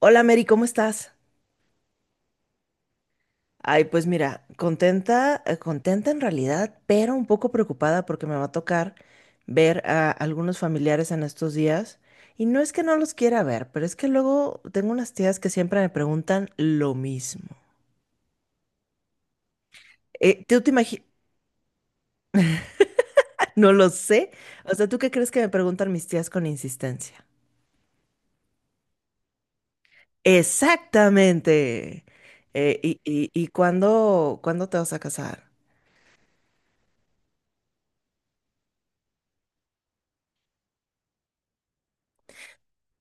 Hola Mary, ¿cómo estás? Ay, pues mira, contenta, contenta en realidad, pero un poco preocupada porque me va a tocar ver a algunos familiares en estos días. Y no es que no los quiera ver, pero es que luego tengo unas tías que siempre me preguntan lo mismo. ¿tú te imaginas? No lo sé. O sea, ¿tú qué crees que me preguntan mis tías con insistencia? Exactamente. Y cuándo te vas a casar?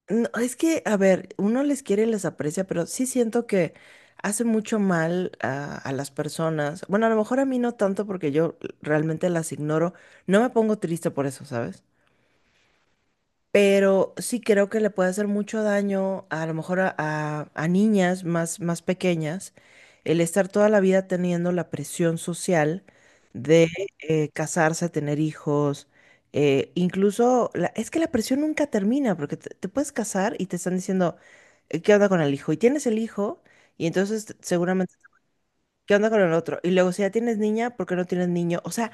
No, es que, a ver, uno les quiere y les aprecia, pero sí siento que hace mucho mal a las personas. Bueno, a lo mejor a mí no tanto porque yo realmente las ignoro. No me pongo triste por eso, ¿sabes? Pero sí creo que le puede hacer mucho daño a lo mejor a, a niñas más pequeñas el estar toda la vida teniendo la presión social de casarse, tener hijos, incluso es que la presión nunca termina porque te, puedes casar y te están diciendo, ¿qué onda con el hijo? Y tienes el hijo y entonces seguramente, ¿qué onda con el otro? Y luego si ya tienes niña, ¿por qué no tienes niño? O sea,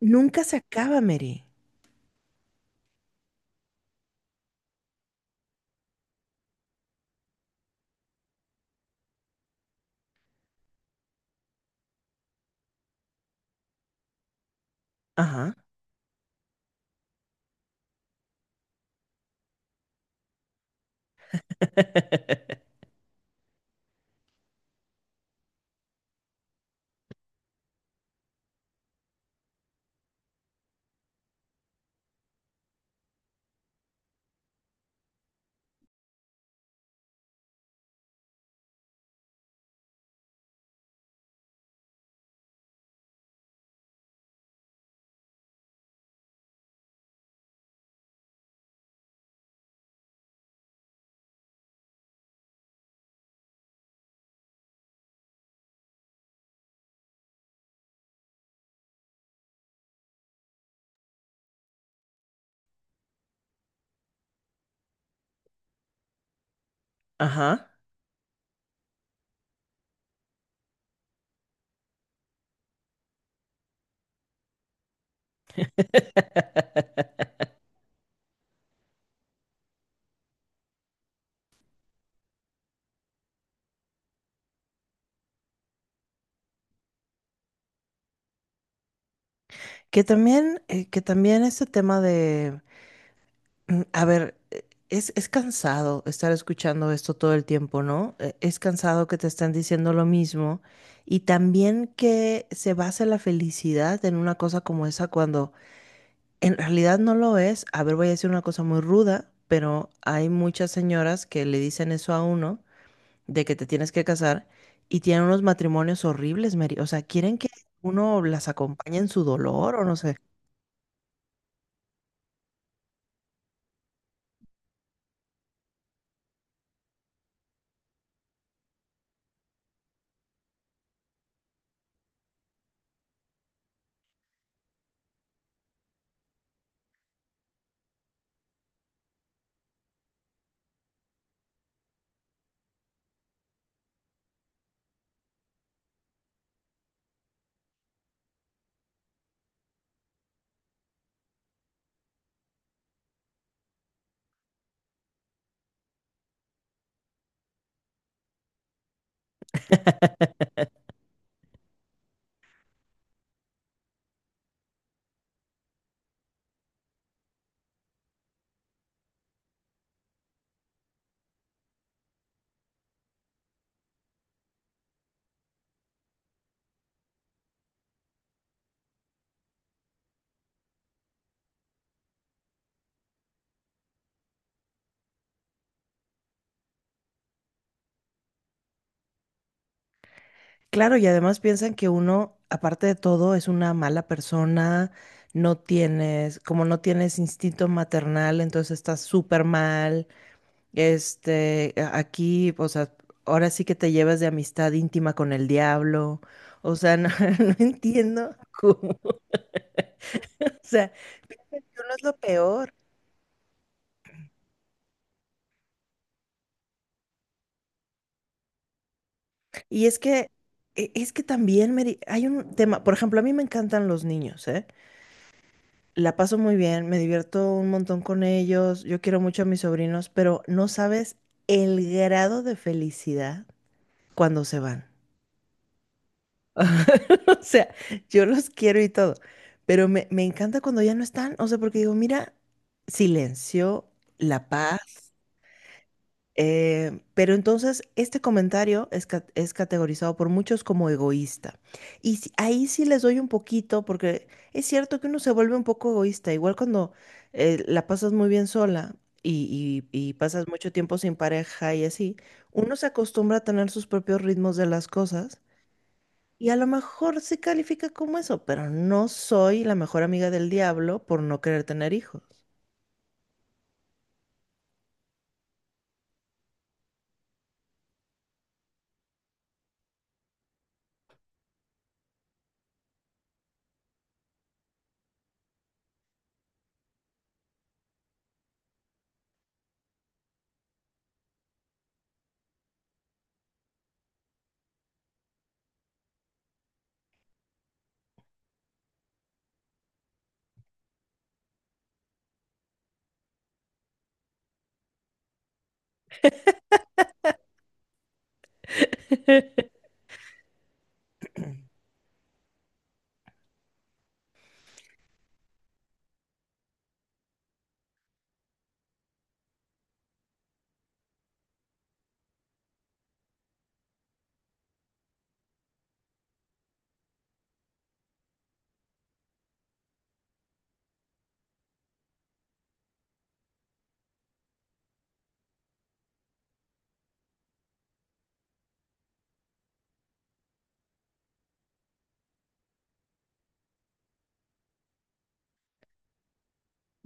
nunca se acaba, Mary. Ajá. Ajá. Que también este tema de, a ver, es cansado estar escuchando esto todo el tiempo, ¿no? Es cansado que te están diciendo lo mismo y también que se base la felicidad en una cosa como esa cuando en realidad no lo es. A ver, voy a decir una cosa muy ruda, pero hay muchas señoras que le dicen eso a uno de que te tienes que casar y tienen unos matrimonios horribles, Mary. O sea, quieren que uno las acompañe en su dolor o no sé. Claro, y además piensan que uno, aparte de todo, es una mala persona, no tienes, como no tienes instinto maternal, entonces estás súper mal. Este, aquí, o sea, ahora sí que te llevas de amistad íntima con el diablo. O sea, no, no entiendo cómo. O sea, uno es lo peor. Y es que, es que también, Mary, hay un tema, por ejemplo, a mí me encantan los niños, ¿eh? La paso muy bien, me divierto un montón con ellos, yo quiero mucho a mis sobrinos, pero no sabes el grado de felicidad cuando se van. O sea, yo los quiero y todo, pero me encanta cuando ya no están, o sea, porque digo, mira, silencio, la paz. Pero entonces este comentario es, es categorizado por muchos como egoísta. Y ahí sí les doy un poquito, porque es cierto que uno se vuelve un poco egoísta, igual cuando la pasas muy bien sola y, y pasas mucho tiempo sin pareja y así, uno se acostumbra a tener sus propios ritmos de las cosas y a lo mejor se califica como eso, pero no soy la mejor amiga del diablo por no querer tener hijos.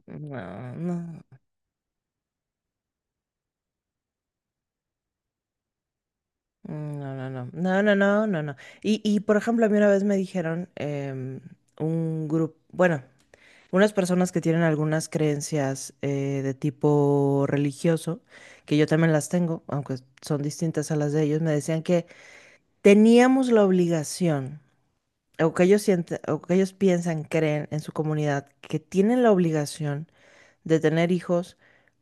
No, no. No, no, no, no, no, no, no, no. Y por ejemplo, a mí una vez me dijeron un grupo, bueno, unas personas que tienen algunas creencias de tipo religioso, que yo también las tengo, aunque son distintas a las de ellos, me decían que teníamos la obligación, o que ellos sienten, o que ellos piensan, creen en su comunidad, que tienen la obligación de tener hijos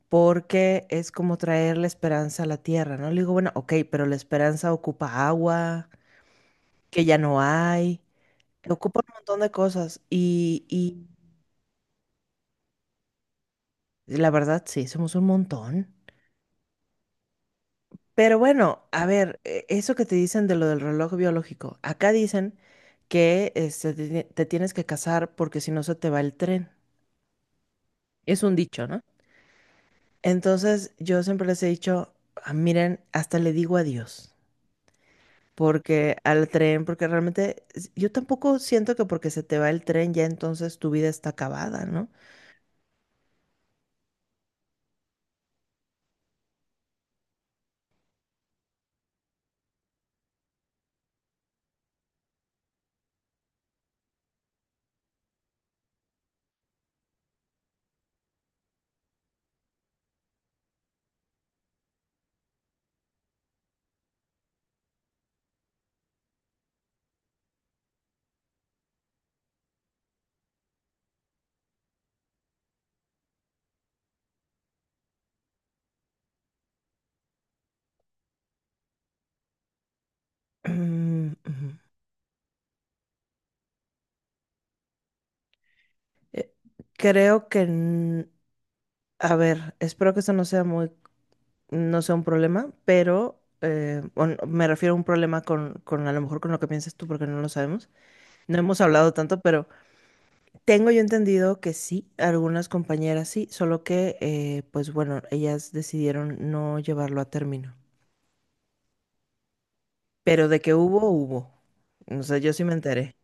porque es como traer la esperanza a la tierra, ¿no? Le digo, bueno, ok, pero la esperanza ocupa agua que ya no hay. Ocupa un montón de cosas y la verdad sí, somos un montón. Pero bueno, a ver, eso que te dicen de lo del reloj biológico, acá dicen que este, te tienes que casar porque si no se te va el tren. Es un dicho, ¿no? Entonces yo siempre les he dicho, "Ah, miren, hasta le digo adiós. Porque al tren, porque realmente yo tampoco siento que porque se te va el tren ya entonces tu vida está acabada, ¿no? Creo que, a ver, espero que eso no sea muy, no sea un problema, pero me refiero a un problema con a lo mejor con lo que piensas tú, porque no lo sabemos. No hemos hablado tanto, pero tengo yo entendido que sí, algunas compañeras sí, solo que, pues bueno, ellas decidieron no llevarlo a término. Pero de que hubo, hubo. O sea, yo sí me enteré.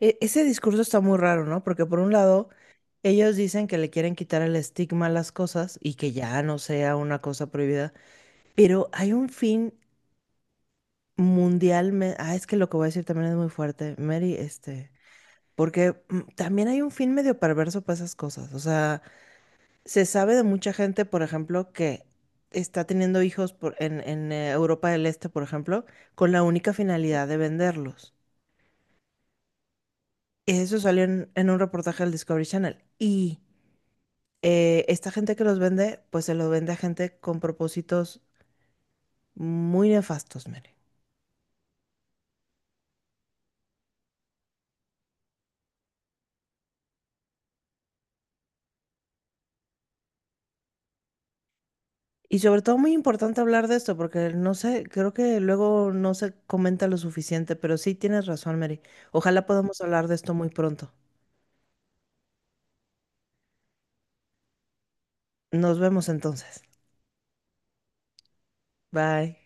E- ese discurso está muy raro, ¿no? Porque por un lado... Ellos dicen que le quieren quitar el estigma a las cosas y que ya no sea una cosa prohibida. Pero hay un fin mundial. Ah, es que lo que voy a decir también es muy fuerte, Mary, este. Porque también hay un fin medio perverso para esas cosas. O sea, se sabe de mucha gente, por ejemplo, que está teniendo hijos en, en Europa del Este, por ejemplo, con la única finalidad de venderlos. Eso salió en un reportaje del Discovery Channel. Y esta gente que los vende, pues se los vende a gente con propósitos muy nefastos, Mary. Y sobre todo muy importante hablar de esto, porque no sé, creo que luego no se comenta lo suficiente, pero sí tienes razón, Mary. Ojalá podamos hablar de esto muy pronto. Nos vemos entonces. Bye.